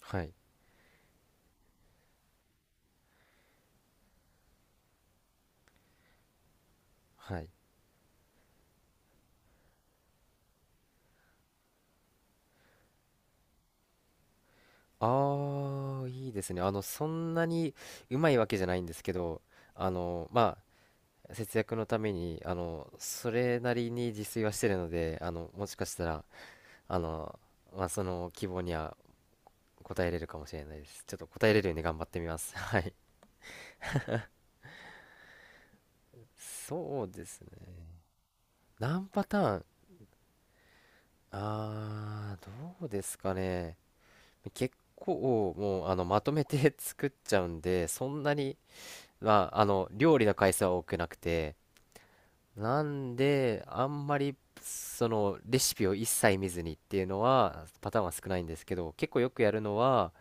はい。はい。ああ、いいですね。そんなにうまいわけじゃないんですけど、あの、ま節約のために、それなりに自炊はしてるので、もしかしたら、あの、まあ、その希望には応えれるかもしれないです。ちょっと応えれるように頑張ってみます。はい。そうですね。何パターン、どうですかね。結構、もう、まとめて 作っちゃうんで、そんなに、まあ、料理の回数は多くなくて、なんで、あんまり、レシピを一切見ずにっていうのは、パターンは少ないんですけど、結構よくやるのは、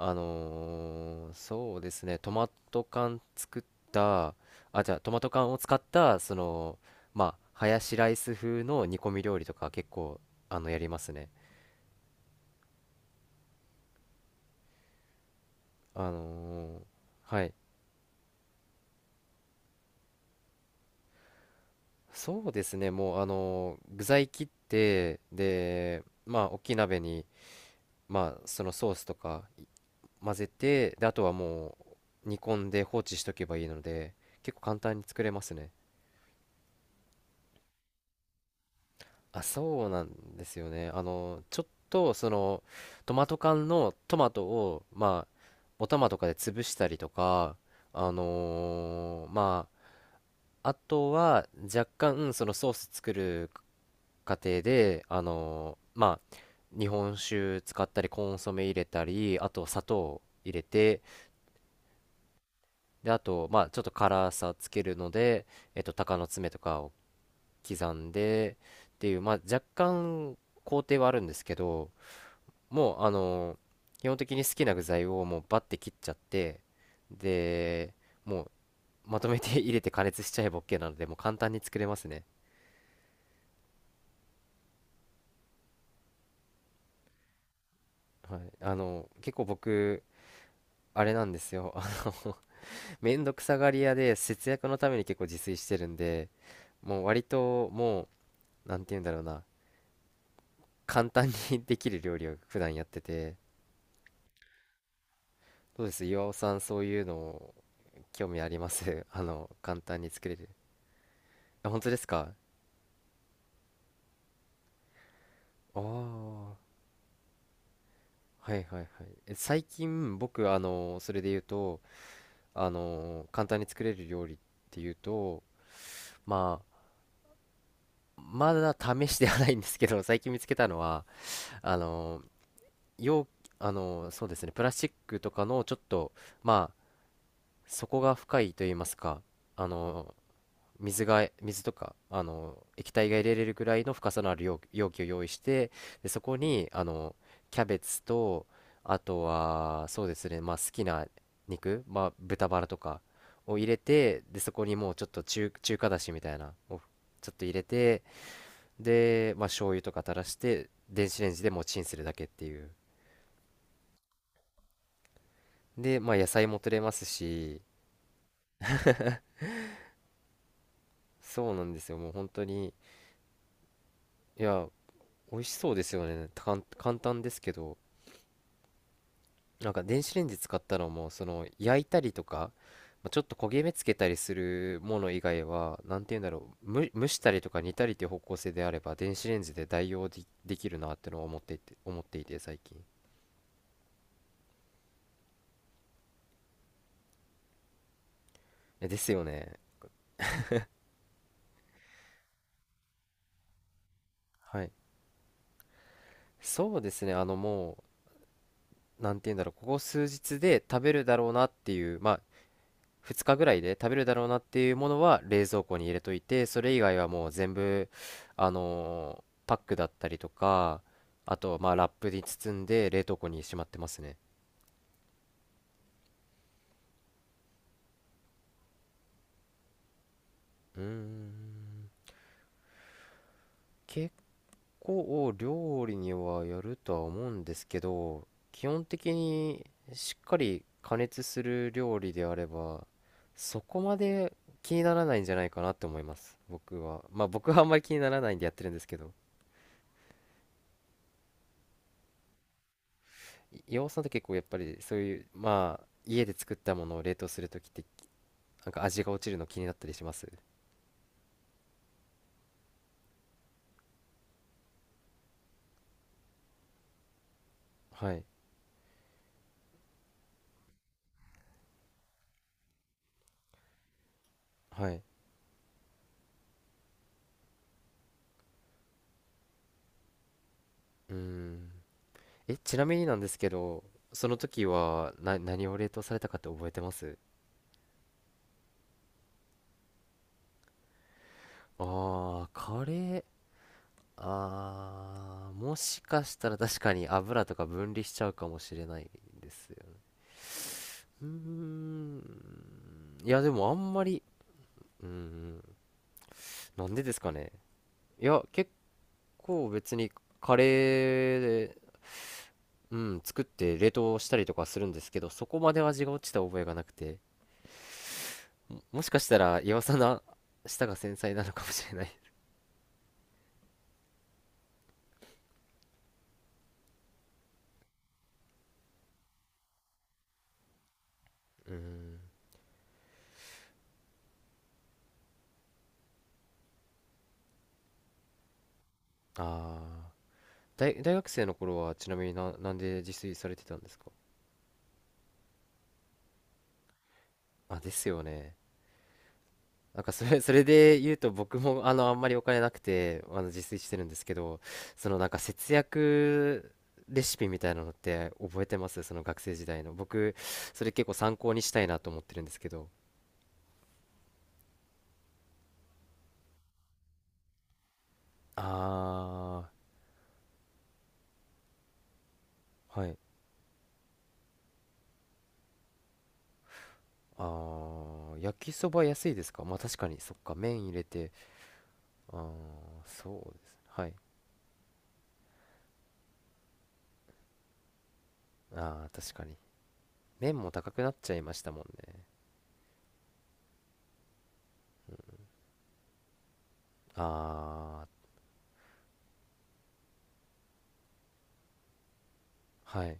そうですね、トマト缶作った、あ、じゃあ、トマト缶を使った、まあ、ハヤシライス風の煮込み料理とか結構、やりますね。あのーはい。そうですね、もう、具材切って、で、まあ、大きい鍋に、まあそのソースとか混ぜて、であとはもう煮込んで放置しとけばいいので結構簡単に作れますね。あ、そうなんですよね。ちょっとそのトマト缶のトマトをまあお玉とかで潰したりとか、あのーまあとは若干そのソース作る過程で、日本酒使ったりコンソメ入れたりあと砂糖入れて、で、あと、まあ、ちょっと辛さつけるので、鷹の爪とかを刻んでっていう、まあ、若干工程はあるんですけど、もう、基本的に好きな具材をもうバッて切っちゃって、で、もう、まとめて 入れて加熱しちゃえば OK なので、もう簡単に作れますね。はい。結構僕、あれなんですよ。の、めんどくさがり屋で節約のために結構自炊してるんで、もう割ともう、なんて言うんだろうな。簡単に できる料理を普段やってて、どうです、岩尾さん、そういうの興味あります？ 簡単に作れる。あ、本当ですか。ああー、はいはいはい。え、最近僕、それで言うと、簡単に作れる料理っていうと、まあ、まだ試してはないんですけど 最近見つけたのは、あの容あのそうですね、プラスチックとかのちょっとまあ底が深いと言いますか、あの水とか液体が入れれるぐらいの深さのある容器を用意して、でそこにキャベツと、あとはそうですね、まあ、好きな肉、まあ、豚バラとかを入れて、でそこにもうちょっと中華だしみたいなをちょっと入れて、で、まあ、醤油とか垂らして電子レンジでもうチンするだけっていう。で、まあ、野菜も取れますし。そうなんですよ、もう本当に。いや、美味しそうですよね、たかん簡単ですけど。なんか電子レンジ使ったのも、その焼いたりとか、まあちょっと焦げ目つけたりするもの以外はなんて言うんだろう、蒸したりとか煮たりっていう方向性であれば電子レンジで代用で、できるなってのを思っていて最近。え、ですよね。はい。そうですね。もうなんて言うんだろう、ここ数日で食べるだろうなっていう、まあ2日ぐらいで食べるだろうなっていうものは冷蔵庫に入れといて、それ以外はもう全部パックだったりとか、あとまあラップに包んで冷凍庫にしまってますね。うーん、結構料理にはやるとは思うんですけど、基本的にしっかり加熱する料理であればそこまで気にならないんじゃないかなって思います。僕は、まあ僕はあんまり気にならないんでやってるんですけど、岩尾さんって結構やっぱりそういう、まあ家で作ったものを冷凍するときってなんか味が落ちるの気になったりします？はい。はい。うん。え、ちなみになんですけど、その時は何を冷凍されたかって覚えてます？ああー、カレー。あー、もしかしたら確かに油とか分離しちゃうかもしれないですよね。うーん。いやでもあんまり。うーん、なんでですかね。いや結構別にカレーで、うん、作って冷凍したりとかするんですけど、そこまで味が落ちた覚えがなくて、もしかしたら岩佐な舌が繊細なのかもしれない。うん。ああ。大学生の頃はちなみになんで自炊されてたんですか？あ、ですよね。なんかそれで言うと僕もあんまりお金なくて自炊してるんですけど、そのなんか節約レシピみたいなのって覚えてます、その学生時代の？僕それ結構参考にしたいなと思ってるんですけど。あー、はい。あー、焼きそば安いですか。まあ確かに、そっか、麺入れて。あー、そうです、はい。あー、確かに麺も高くなっちゃいましたもんね。あー、はい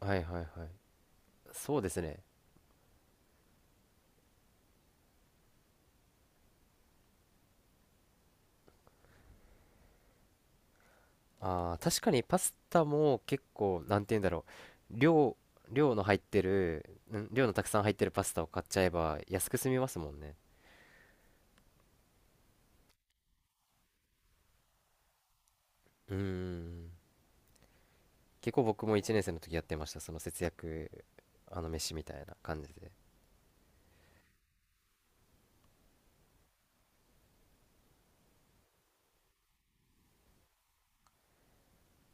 はいはい、はい。そうですね。ああ、確かにパスタも結構、なんて言うんだろう。量の入ってる、ん量のたくさん入ってるパスタを買っちゃえば安く済みますもんね。うーん。結構僕も1年生の時やってました。その節約、飯みたいな感じで。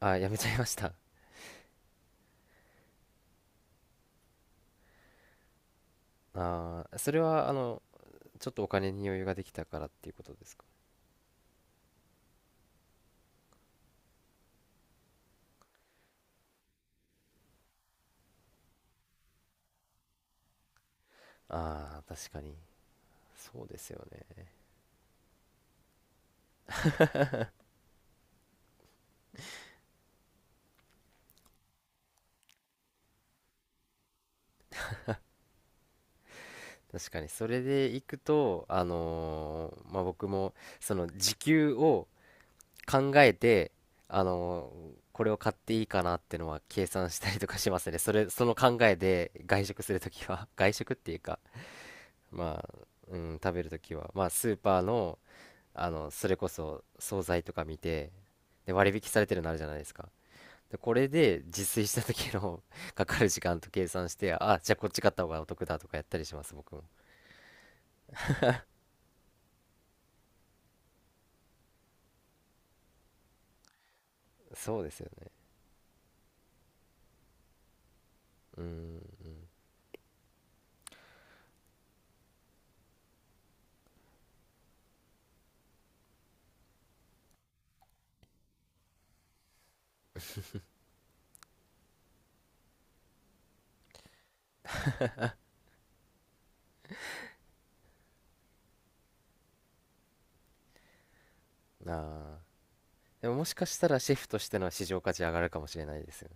ああ、やめちゃいました。ああ、それは、ちょっとお金に余裕ができたからっていうことですか？ああ、確かに。そうですよね。確かに。それでいくと、まあ、僕も、その時給を考えて、あのこれを買っていいかなってのは計算したりとかしますね。その考えで外食するときは、外食っていうか、まあ、うん、食べるときは、まあ、スーパーの、それこそ惣菜とか見て、で、割引されてるのあるじゃないですか。で、これで自炊した時の かかる時間と計算して、あ、じゃあこっち買った方がお得だとかやったりします、僕も。そうですよね。うん、うん。ああ。でももしかしたらシェフとしての市場価値上がるかもしれないですよね。